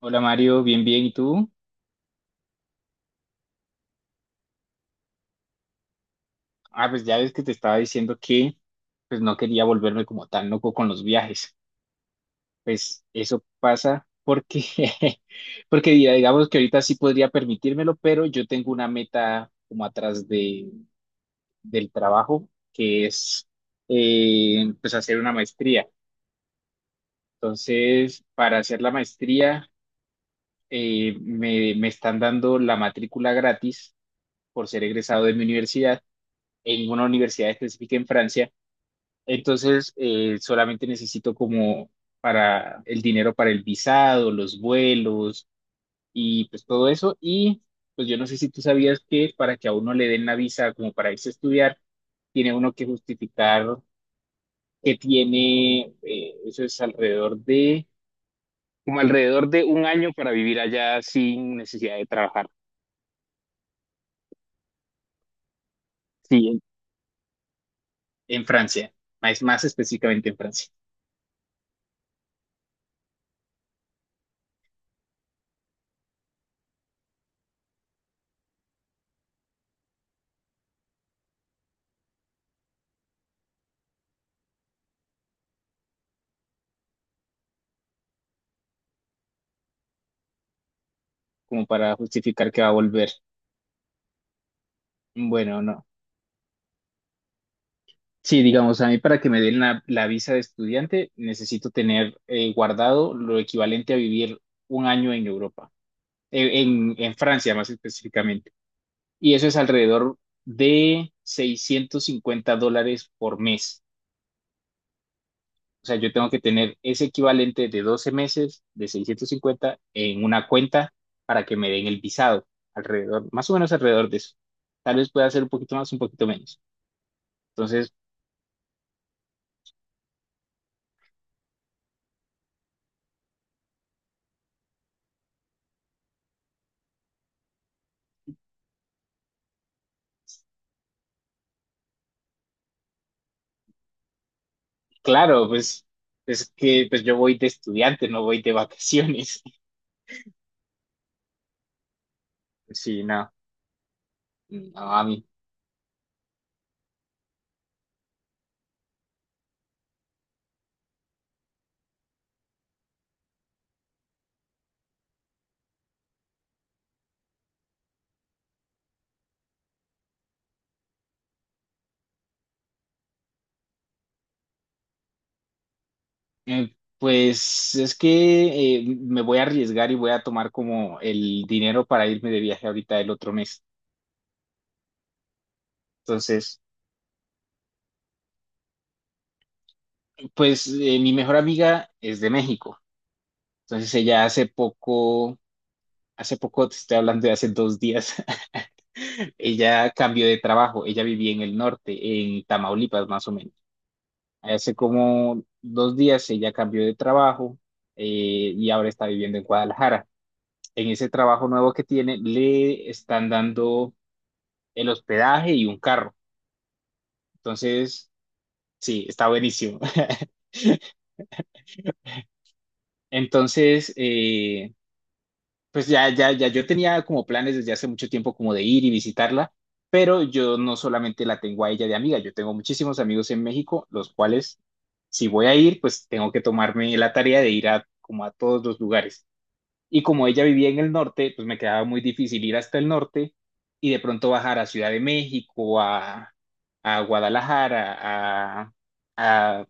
Hola Mario, bien, bien, ¿y tú? Ah, pues ya ves que te estaba diciendo que pues no quería volverme como tan loco con los viajes. Pues eso pasa porque, porque digamos que ahorita sí podría permitírmelo, pero yo tengo una meta como atrás de, del trabajo, que es pues hacer una maestría. Entonces, para hacer la maestría me están dando la matrícula gratis por ser egresado de mi universidad en una universidad específica en Francia. Entonces, solamente necesito como para el dinero para el visado, los vuelos y pues todo eso. Y pues yo no sé si tú sabías que para que a uno le den la visa como para irse a estudiar, tiene uno que justificar que tiene, eso es como alrededor de un año para vivir allá sin necesidad de trabajar. Sí, en Francia, más específicamente en Francia, como para justificar que va a volver. Bueno, no. Sí, digamos, a mí para que me den la visa de estudiante necesito tener guardado lo equivalente a vivir un año en Europa, en, en Francia más específicamente. Y eso es alrededor de $650 por mes. O sea, yo tengo que tener ese equivalente de 12 meses de 650 en una cuenta para que me den el visado, alrededor, más o menos alrededor de eso. Tal vez pueda ser un poquito más, un poquito menos. Entonces, Claro, pues es que pues yo voy de estudiante, no voy de vacaciones. Sí, no, no, a mí. Pues es que me voy a arriesgar y voy a tomar como el dinero para irme de viaje ahorita el otro mes. Entonces, pues mi mejor amiga es de México. Entonces ella hace poco te estoy hablando de hace 2 días, ella cambió de trabajo. Ella vivía en el norte, en Tamaulipas más o menos. Hace como 2 días ella cambió de trabajo, eh, y ahora está viviendo en Guadalajara. En ese trabajo nuevo que tiene, le están dando el hospedaje y un carro. Entonces, sí, está buenísimo. Entonces, pues ya yo tenía como planes desde hace mucho tiempo como de ir y visitarla, pero yo no solamente la tengo a ella de amiga, yo tengo muchísimos amigos en México, los cuales, si voy a ir, pues tengo que tomarme la tarea de ir a como a todos los lugares. Y como ella vivía en el norte, pues me quedaba muy difícil ir hasta el norte y de pronto bajar a Ciudad de México, a Guadalajara, a, a-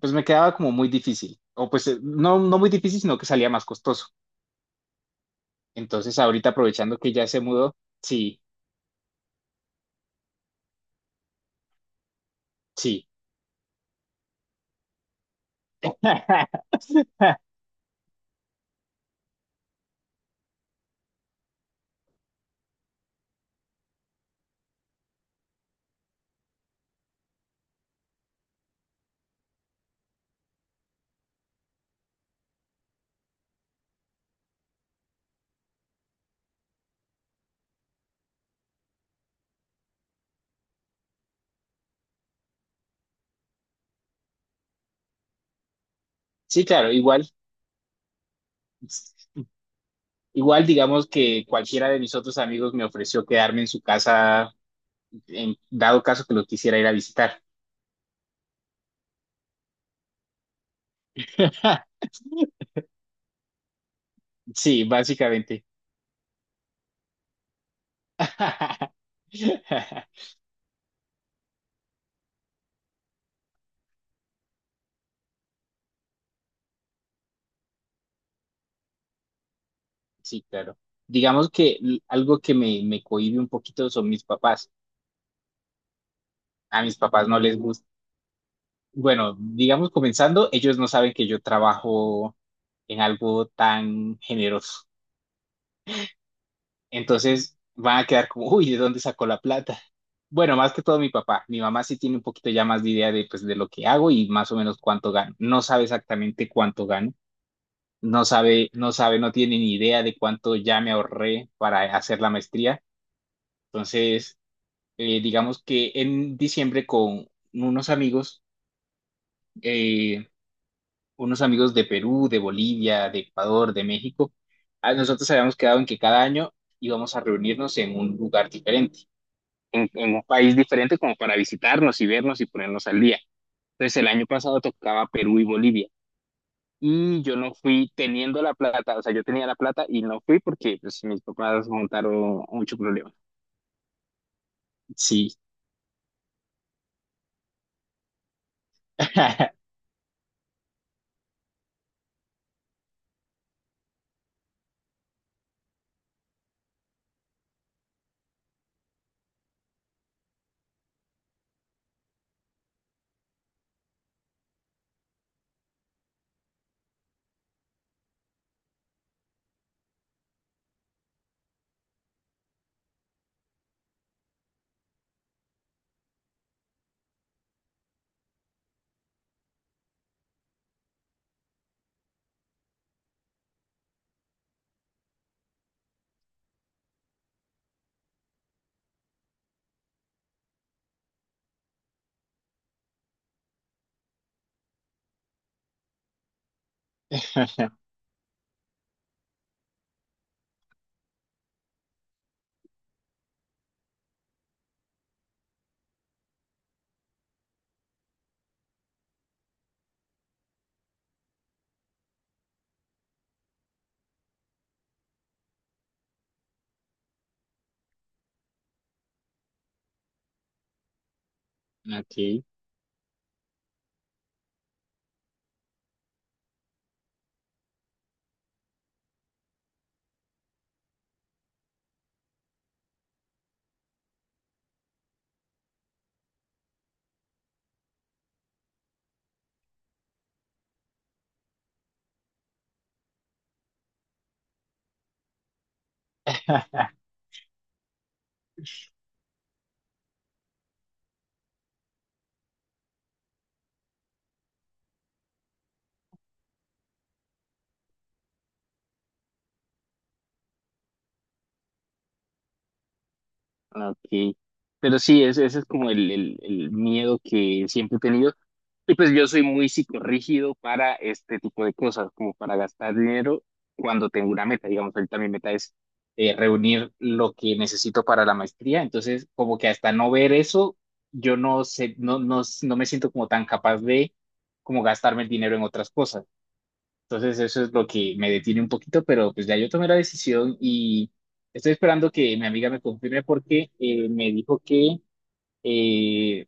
pues me quedaba como muy difícil. O pues no, no muy difícil, sino que salía más costoso. Entonces ahorita aprovechando que ya se mudó, sí, sí. Sí, claro, igual, digamos que cualquiera de mis otros amigos me ofreció quedarme en su casa, en dado caso que lo quisiera ir a visitar. Sí, básicamente. Sí, claro. Digamos que algo que me cohíbe un poquito son mis papás. A mis papás no les gusta. Bueno, digamos comenzando, ellos no saben que yo trabajo en algo tan generoso. Entonces van a quedar como, uy, ¿de dónde sacó la plata? Bueno, más que todo mi papá. Mi mamá sí tiene un poquito ya más de idea de, pues, de lo que hago y más o menos cuánto gano. No sabe exactamente cuánto gano. No sabe, no sabe, no tiene ni idea de cuánto ya me ahorré para hacer la maestría. Entonces, digamos que en diciembre con unos amigos, eh, unos amigos de Perú, de Bolivia, de Ecuador, de México, nosotros habíamos quedado en que cada año íbamos a reunirnos en un lugar diferente, en un país diferente como para visitarnos y vernos y ponernos al día. Entonces, el año pasado tocaba Perú y Bolivia. Y yo no fui teniendo la plata, o sea, yo tenía la plata y no fui porque pues, mis papás montaron mucho problema. Sí. Ok. Ok, pero sí, ese es como el, el miedo que siempre he tenido. Y pues yo soy muy psicorrígido para este tipo de cosas, como para gastar dinero cuando tengo una meta. Digamos, ahorita mi meta es reunir lo que necesito para la maestría. Entonces, como que hasta no ver eso, yo no sé, no me siento como tan capaz de como gastarme el dinero en otras cosas. Entonces eso es lo que me detiene un poquito, pero pues ya yo tomé la decisión y estoy esperando que mi amiga me confirme porque me dijo que eh,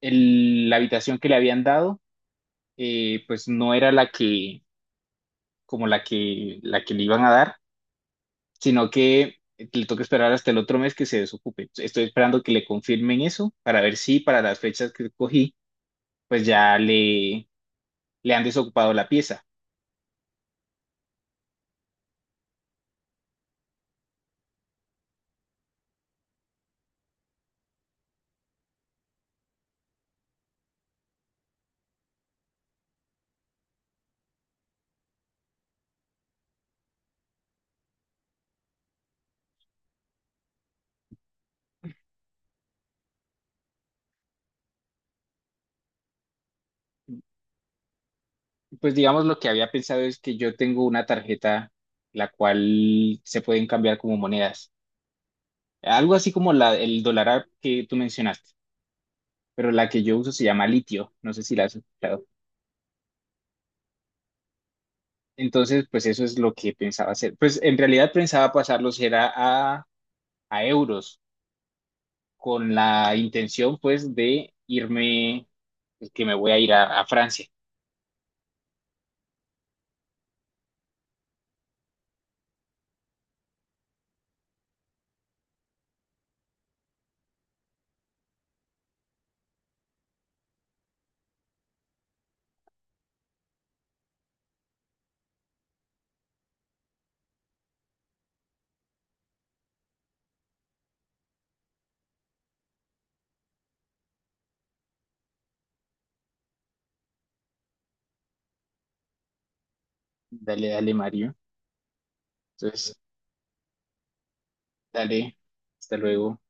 la habitación que le habían dado, pues no era la que como la que le iban a dar, sino que le toca esperar hasta el otro mes que se desocupe. Estoy esperando que le confirmen eso para ver si para las fechas que cogí pues ya le han desocupado la pieza. Pues digamos lo que había pensado es que yo tengo una tarjeta la cual se pueden cambiar como monedas. Algo así como la, el dólar app que tú mencionaste, pero la que yo uso se llama Litio, no sé si la has escuchado. Entonces, pues eso es lo que pensaba hacer. Pues en realidad pensaba pasarlos era a, euros, con la intención pues de irme, pues, que me voy a ir a Francia. Dale, dale, Mario. Entonces, dale, hasta luego.